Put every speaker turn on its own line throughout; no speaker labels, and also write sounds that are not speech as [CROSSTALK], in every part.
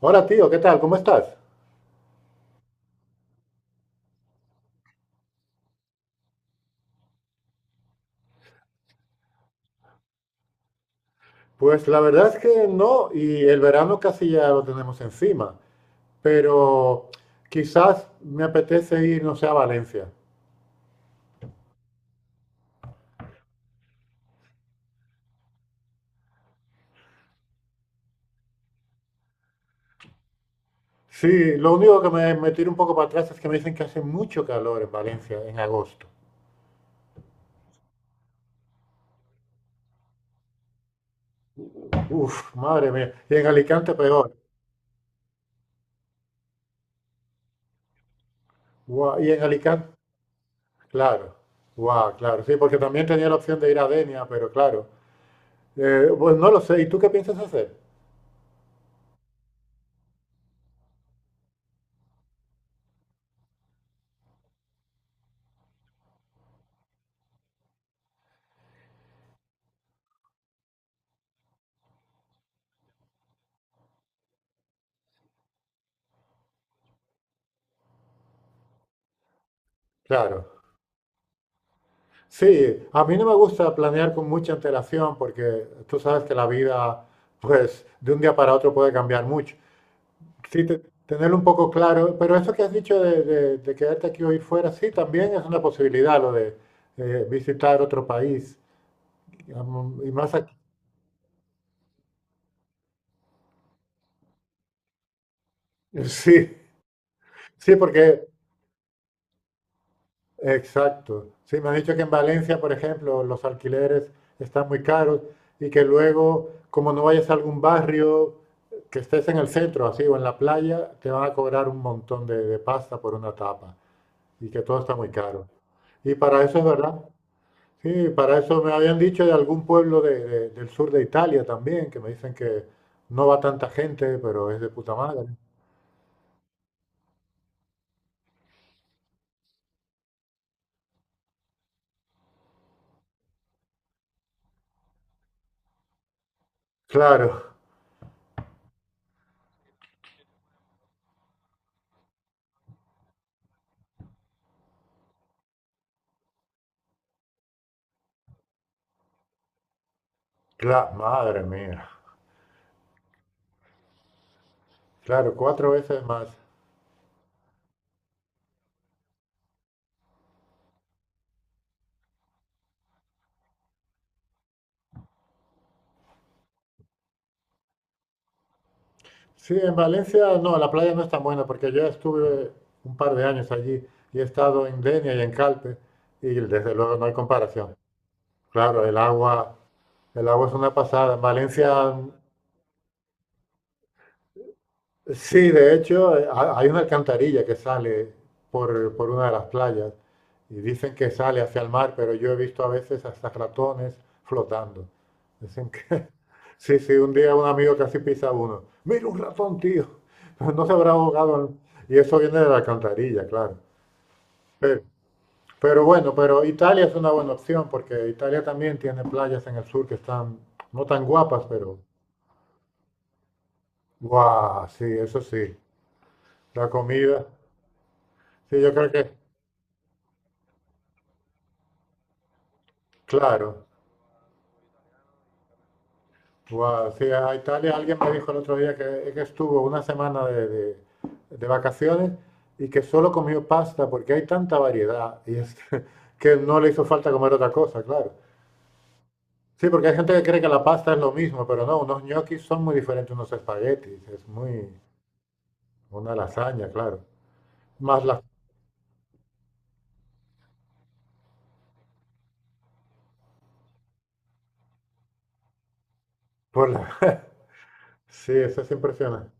Hola tío, ¿qué tal? ¿Cómo estás? Pues la verdad es que no, y el verano casi ya lo tenemos encima, pero quizás me apetece ir, no sé, a Valencia. Sí, lo único que me tira un poco para atrás es que me dicen que hace mucho calor en Valencia en agosto. Madre mía. Y en Alicante peor. Guau. Y en Alicante, claro. Guau, claro. Sí, porque también tenía la opción de ir a Denia, pero claro. Pues no lo sé. ¿Y tú qué piensas hacer? Claro. Sí, a mí no me gusta planear con mucha antelación porque tú sabes que la vida, pues, de un día para otro puede cambiar mucho. Sí, tenerlo un poco claro, pero eso que has dicho de, de quedarte aquí o ir fuera, sí, también es una posibilidad lo de visitar otro país, digamos. Y más aquí. [LAUGHS] Sí, sí, porque... Exacto. Sí, me han dicho que en Valencia, por ejemplo, los alquileres están muy caros y que luego, como no vayas a algún barrio, que estés en el centro, así, o en la playa, te van a cobrar un montón de pasta por una tapa y que todo está muy caro. Y para eso es verdad. Sí, para eso me habían dicho de algún pueblo del sur de Italia también, que me dicen que no va tanta gente, pero es de puta madre. Claro, madre mía. Claro, cuatro veces más. Sí, en Valencia no, la playa no es tan buena porque yo estuve un par de años allí y he estado en Denia y en Calpe y desde luego no hay comparación. Claro, el agua es una pasada. En Valencia... Sí, de hecho, hay una alcantarilla que sale por una de las playas y dicen que sale hacia el mar, pero yo he visto a veces hasta ratones flotando. Dicen que, [LAUGHS] sí, sí, un día un amigo casi pisa uno. Mira un ratón, tío. [LAUGHS] No se habrá ahogado. Y eso viene de la alcantarilla, claro. Pero, pero bueno, pero Italia es una buena opción porque Italia también tiene playas en el sur que están no tan guapas, pero... Guau, sí, eso sí. La comida, sí, yo creo que... Claro, wow. Sí, a Italia alguien me dijo el otro día que estuvo una semana de vacaciones y que solo comió pasta porque hay tanta variedad y es [LAUGHS] que no le hizo falta comer otra cosa, claro. Sí, porque hay gente que cree que la pasta es lo mismo, pero no, unos ñoquis son muy diferentes a unos espaguetis, es muy... Una lasaña, claro. Más la... por la- [LAUGHS] sí, eso es impresionante.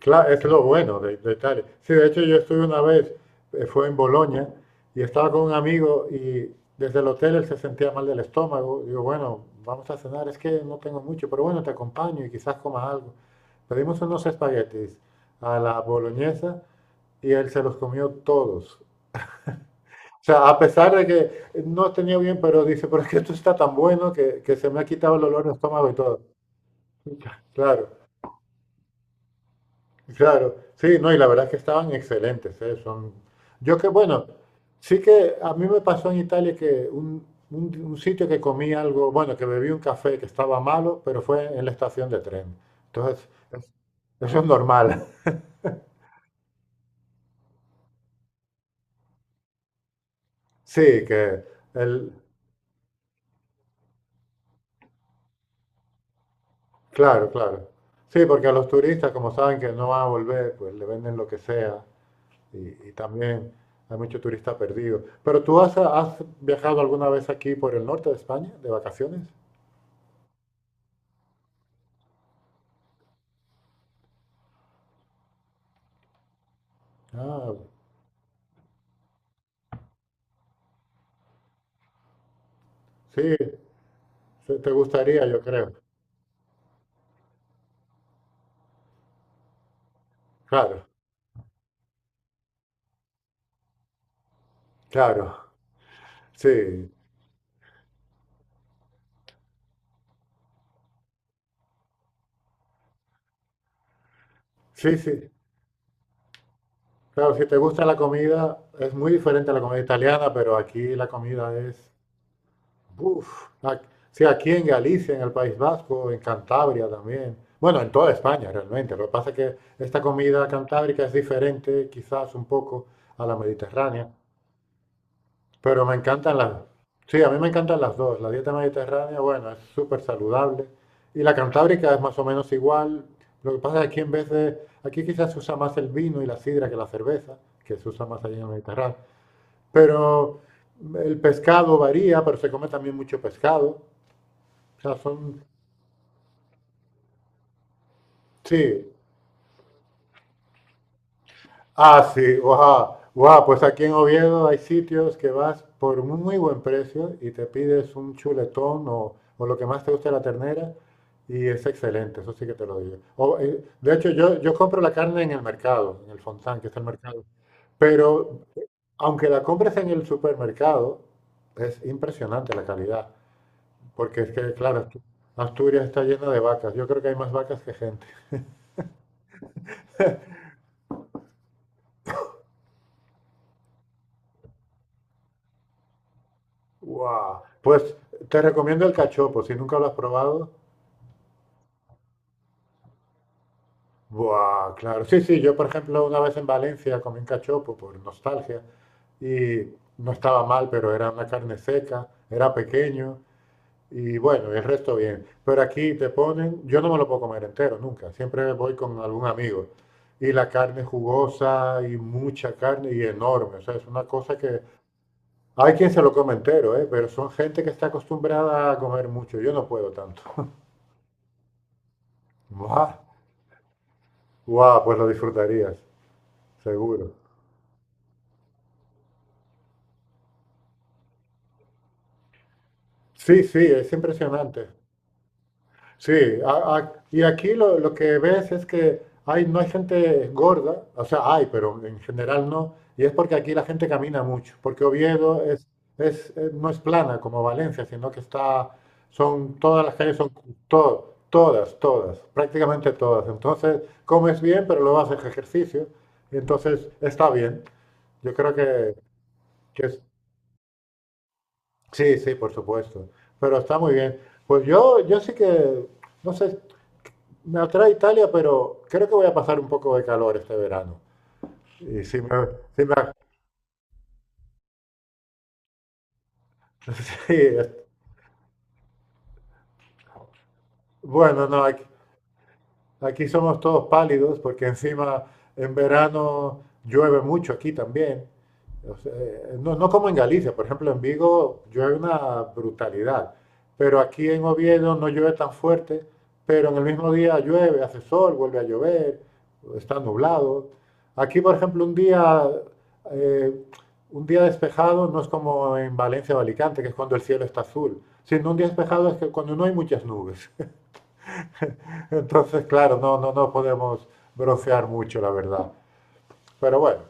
Claro, es lo bueno de Italia. Sí, de hecho yo estuve una vez, fue en Bolonia, y estaba con un amigo y desde el hotel él se sentía mal del estómago. Digo, bueno, vamos a cenar, es que no tengo mucho, pero bueno, te acompaño y quizás comas algo. Pedimos unos espaguetis a la boloñesa y él se los comió todos. O sea, a pesar de que no tenía bien, pero dice, pero es que esto está tan bueno que se me ha quitado el olor de estómago y todo. Claro. Claro, sí, no, y la verdad es que estaban excelentes, ¿eh? Son... Yo que, bueno, sí que a mí me pasó en Italia que un sitio que comí algo, bueno, que bebí un café que estaba malo, pero fue en la estación de tren. Entonces, eso es normal. [LAUGHS] Sí, que el, claro, claro. Sí, porque a los turistas, como saben que no van a volver, pues le venden lo que sea y también hay mucho turista perdido. Pero tú ¿has viajado alguna vez aquí por el norte de España, de vacaciones? Ah, sí, te te gustaría, yo creo. Claro, claro. Sí, sí, sí. Claro, si te gusta la comida, es muy diferente a la comida italiana, pero aquí la comida es... Uf. Ac- Sí, aquí en Galicia, en el País Vasco, en Cantabria también. Bueno, en toda España realmente. Lo que pasa es que esta comida cantábrica es diferente quizás un poco a la mediterránea. Pero me encantan las... Sí, a mí me encantan las dos. La dieta mediterránea, bueno, es súper saludable. Y la cantábrica es más o menos igual. Lo que pasa es que aquí en vez de... Aquí quizás se usa más el vino y la sidra que la cerveza, que se usa más allá en el Mediterráneo. Pero el pescado varía, pero se come también mucho pescado. O sea, son... Sí. Ah, sí, wow, wow, pues aquí en Oviedo hay sitios que vas por un muy buen precio y te pides un chuletón o lo que más te guste de la ternera y es excelente, eso sí que te lo digo. O, de hecho, yo compro la carne en el mercado, en el Fontán, que es el mercado, pero aunque la compres en el supermercado, es impresionante la calidad, porque es que, claro, Asturias está llena de vacas, yo creo que hay más vacas que gente. Wow. Pues te recomiendo el cachopo, si nunca lo has probado. Buah, claro. Sí, sí, yo por ejemplo una vez en Valencia comí un cachopo por nostalgia y no estaba mal, pero era una carne seca, era pequeño y bueno, y el resto bien. Pero aquí te ponen, yo no me lo puedo comer entero nunca, siempre voy con algún amigo y la carne jugosa y mucha carne y enorme, o sea, es una cosa que hay quien se lo come entero, ¿eh? Pero son gente que está acostumbrada a comer mucho, yo no puedo tanto. [LAUGHS] Buah, buah, pues lo disfrutarías, seguro. Sí, sí, es impresionante. Sí, y aquí lo que ves es que hay, no hay gente gorda, o sea, hay, pero en general no, y es porque aquí la gente camina mucho, porque Oviedo es, no es plana como Valencia, sino que está, son, todas las calles son, todo, todas, todas, prácticamente todas. Entonces, comes bien, pero luego haces ejercicio, y entonces está bien. Yo creo que, que es- sí, sí, por supuesto. Pero está muy bien. Pues yo sí que, no sé, me atrae Italia, pero creo que voy a pasar un poco de calor este verano. Y si me, si me- [LAUGHS] sí, bueno, no, hay... Aquí somos todos pálidos porque encima en verano llueve mucho aquí también. O sea, no, no como en Galicia, por ejemplo, en Vigo llueve una brutalidad, pero aquí en Oviedo no llueve tan fuerte, pero en el mismo día llueve, hace sol, vuelve a llover, está nublado. Aquí, por ejemplo, eh, un día despejado no es como en Valencia o Alicante, que es cuando el cielo está azul, sino un día despejado es que cuando no hay muchas nubes. Entonces, claro, no, no, no podemos brofear mucho, la verdad. Pero bueno,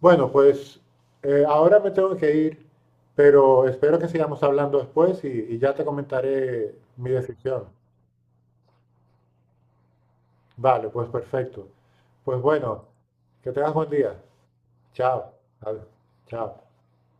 bueno, pues ahora me tengo que ir, pero espero que sigamos hablando después y ya te comentaré mi decisión. Vale, pues perfecto. Pues bueno, que tengas buen día. Chao. Ad- Chao.